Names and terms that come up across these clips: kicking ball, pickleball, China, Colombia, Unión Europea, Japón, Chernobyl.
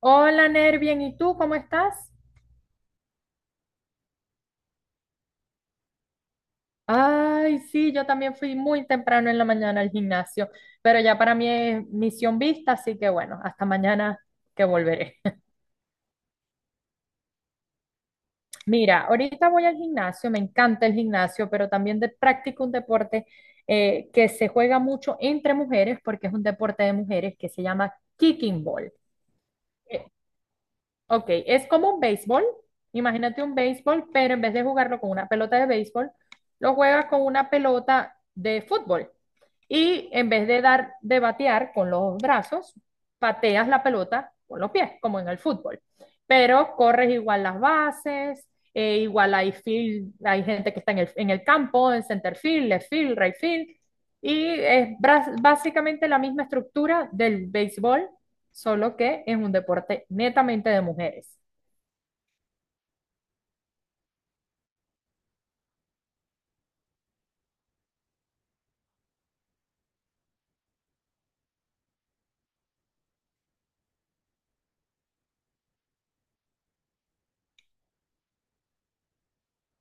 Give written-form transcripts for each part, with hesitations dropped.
Hola, Ner, bien, ¿y tú cómo estás? Ay, sí, yo también fui muy temprano en la mañana al gimnasio, pero ya para mí es misión vista, así que bueno, hasta mañana que volveré. Mira, ahorita voy al gimnasio, me encanta el gimnasio, pero también practico un deporte que se juega mucho entre mujeres, porque es un deporte de mujeres que se llama kicking ball. Ok, es como un béisbol. Imagínate un béisbol, pero en vez de jugarlo con una pelota de béisbol, lo juegas con una pelota de fútbol. Y en vez de de batear con los brazos, pateas la pelota con los pies, como en el fútbol. Pero corres igual las bases, igual hay field, hay gente que está en el campo, en center field, left field, right field. Y es básicamente la misma estructura del béisbol, solo que es un deporte netamente de mujeres.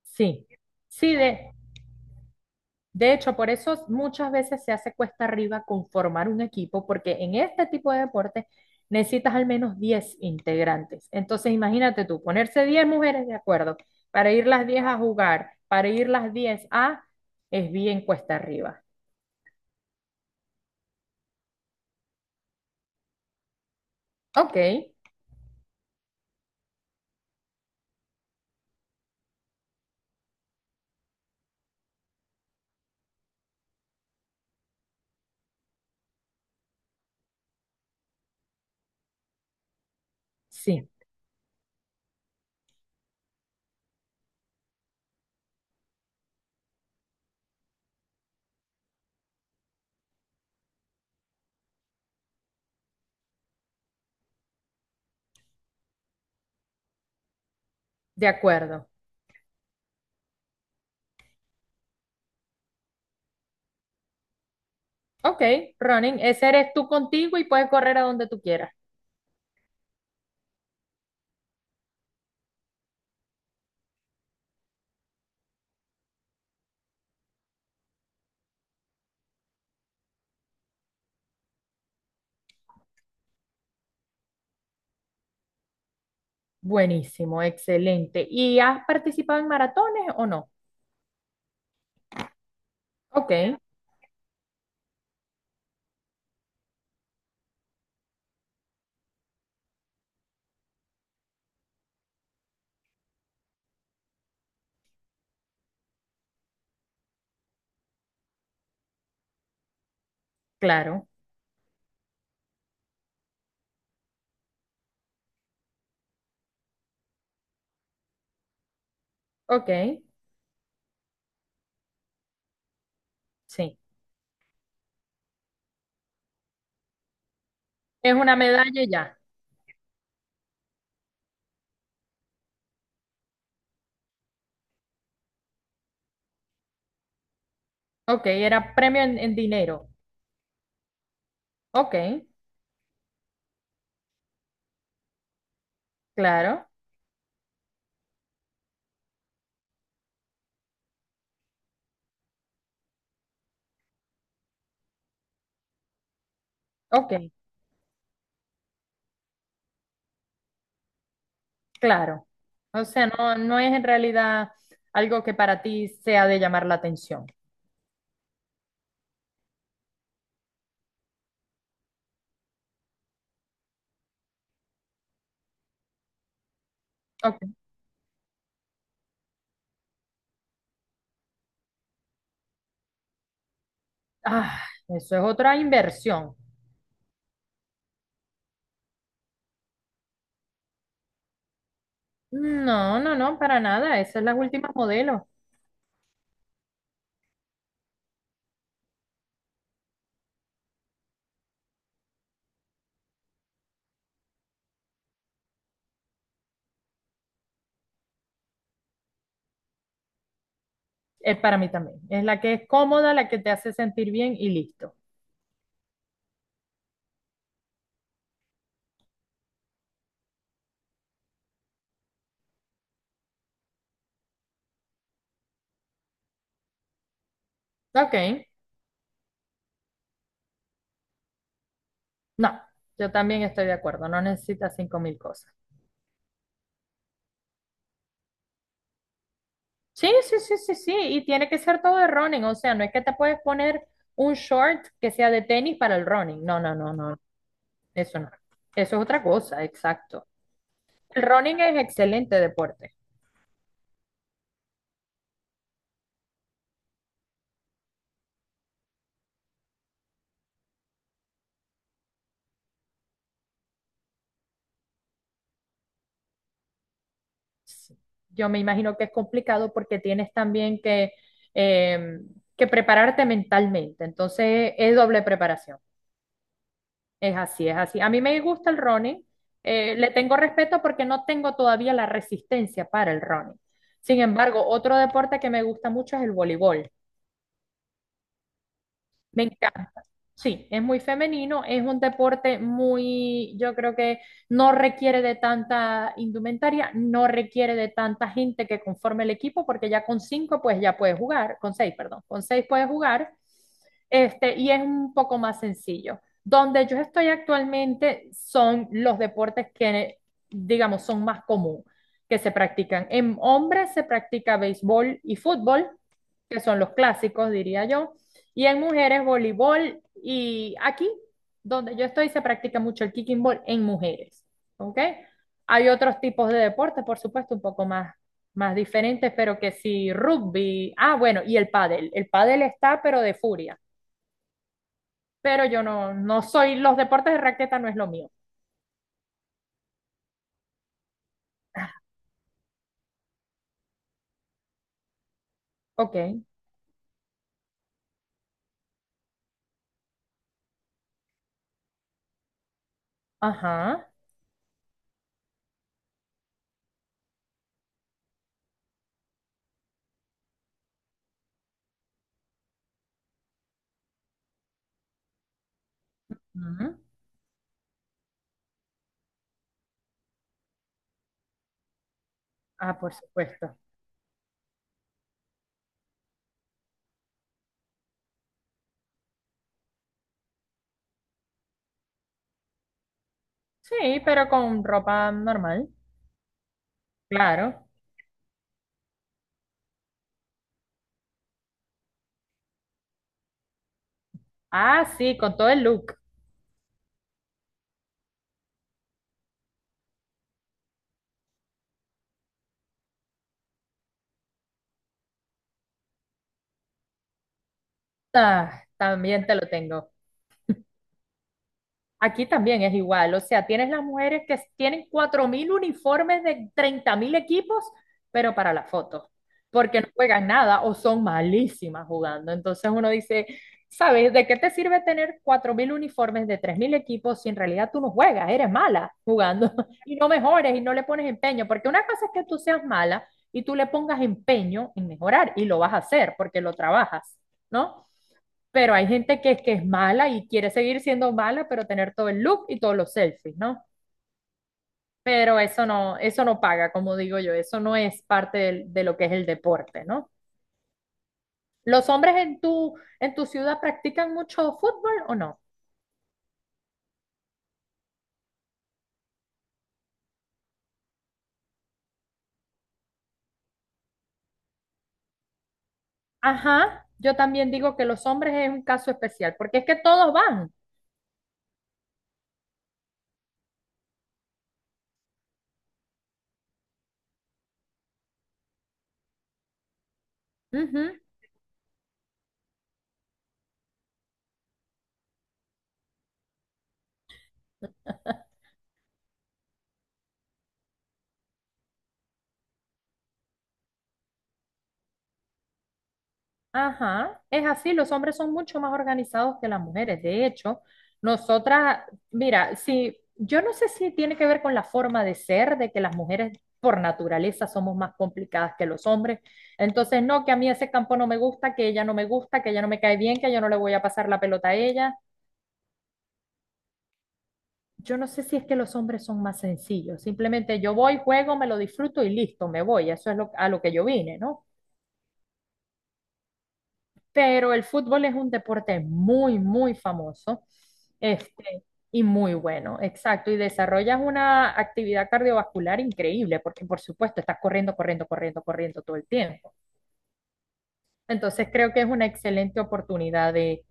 Sí, sí. De hecho, por eso muchas veces se hace cuesta arriba conformar un equipo, porque en este tipo de deporte necesitas al menos 10 integrantes. Entonces, imagínate tú, ponerse 10 mujeres de acuerdo para ir las 10 a jugar, para ir las 10 a, es bien cuesta arriba. Ok, sí, de acuerdo. Ok, running, ese eres tú contigo y puedes correr a donde tú quieras. Buenísimo, excelente. ¿Y has participado en maratones o no? Ok, claro. Ok, sí. Es una medalla y ya. Ok, era premio en dinero. Ok, claro. Ok, claro. O sea, no, no es en realidad algo que para ti sea de llamar la atención. Ok. Ah, eso es otra inversión. No, no, no, para nada. Esa es la última modelo. Es para mí también. Es la que es cómoda, la que te hace sentir bien y listo. Ok, no, yo también estoy de acuerdo. No necesitas 5.000 cosas. Sí, sí, sí, sí, sí, y tiene que ser todo de running, o sea, no es que te puedes poner un short que sea de tenis para el running, no, no, no, no, eso no, eso es otra cosa, exacto. El running es excelente deporte. Sí. Yo me imagino que es complicado porque tienes también eh, que prepararte mentalmente, entonces es doble preparación. Es así, es así. A mí me gusta el running. Le tengo respeto porque no tengo todavía la resistencia para el running. Sin embargo, otro deporte que me gusta mucho es el voleibol. Me encanta. Sí, es muy femenino, es un deporte muy, yo creo que no requiere de tanta indumentaria, no requiere de tanta gente que conforme el equipo, porque ya con cinco pues ya puedes jugar, con seis, perdón, con seis puedes jugar, y es un poco más sencillo. Donde yo estoy actualmente son los deportes que, digamos, son más común que se practican. En hombres se practica béisbol y fútbol que son los clásicos, diría yo. Y en mujeres, voleibol. Y aquí, donde yo estoy, se practica mucho el kicking ball en mujeres. ¿Ok? Hay otros tipos de deportes, por supuesto, un poco más diferentes, pero que sí, rugby. Ah, bueno, y el pádel. El pádel está, pero de furia. Pero yo no soy, los deportes de raqueta no es lo mío. Ok. Ajá. Ujú. Ah, por supuesto. Sí, pero con ropa normal. Claro. Ah, sí, con todo el look. Ah, también te lo tengo. Aquí también es igual, o sea, tienes las mujeres que tienen 4.000 uniformes de 30.000 equipos, pero para la foto, porque no juegan nada o son malísimas jugando. Entonces uno dice, ¿sabes? ¿De qué te sirve tener 4.000 uniformes de 3.000 equipos si en realidad tú no juegas, eres mala jugando y no mejores y no le pones empeño? Porque una cosa es que tú seas mala y tú le pongas empeño en mejorar y lo vas a hacer porque lo trabajas, ¿no? Pero hay gente que es mala y quiere seguir siendo mala, pero tener todo el look y todos los selfies, ¿no? Pero eso no paga, como digo yo, eso no es parte lo que es el deporte, ¿no? ¿Los hombres en tu ciudad practican mucho fútbol o no? Ajá, yo también digo que los hombres es un caso especial, porque es que todos van. Ujú. Ajá, es así, los hombres son mucho más organizados que las mujeres. De hecho, nosotras, mira, si yo no sé si tiene que ver con la forma de ser, de que las mujeres por naturaleza somos más complicadas que los hombres. Entonces, no, que a mí ese campo no me gusta, que ella no me gusta, que ella no me cae bien, que yo no le voy a pasar la pelota a ella. Yo no sé si es que los hombres son más sencillos. Simplemente yo voy, juego, me lo disfruto y listo, me voy. Eso es a lo que yo vine, ¿no? Pero el fútbol es un deporte muy, muy famoso, este, y muy bueno, exacto, y desarrollas una actividad cardiovascular increíble, porque por supuesto estás corriendo, corriendo, corriendo, corriendo todo el tiempo. Entonces creo que es una excelente oportunidad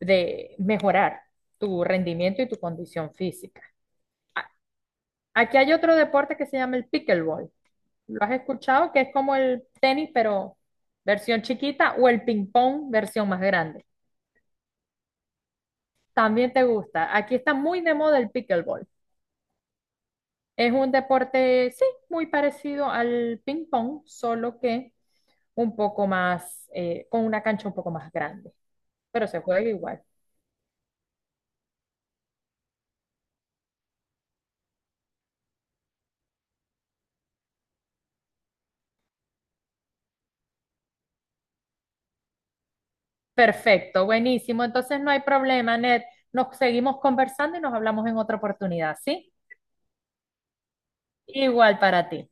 de mejorar tu rendimiento y tu condición física. A- Aquí hay otro deporte que se llama el pickleball. ¿Lo has escuchado? Que es como el tenis, pero versión chiquita, o el ping pong, versión más grande. También te gusta. Aquí está muy de moda el pickleball. Es un deporte, sí, muy parecido al ping pong, solo que un poco más, con una cancha un poco más grande, pero se juega igual. Perfecto, buenísimo. Entonces no hay problema, Ned. Nos seguimos conversando y nos hablamos en otra oportunidad, ¿sí? Igual para ti.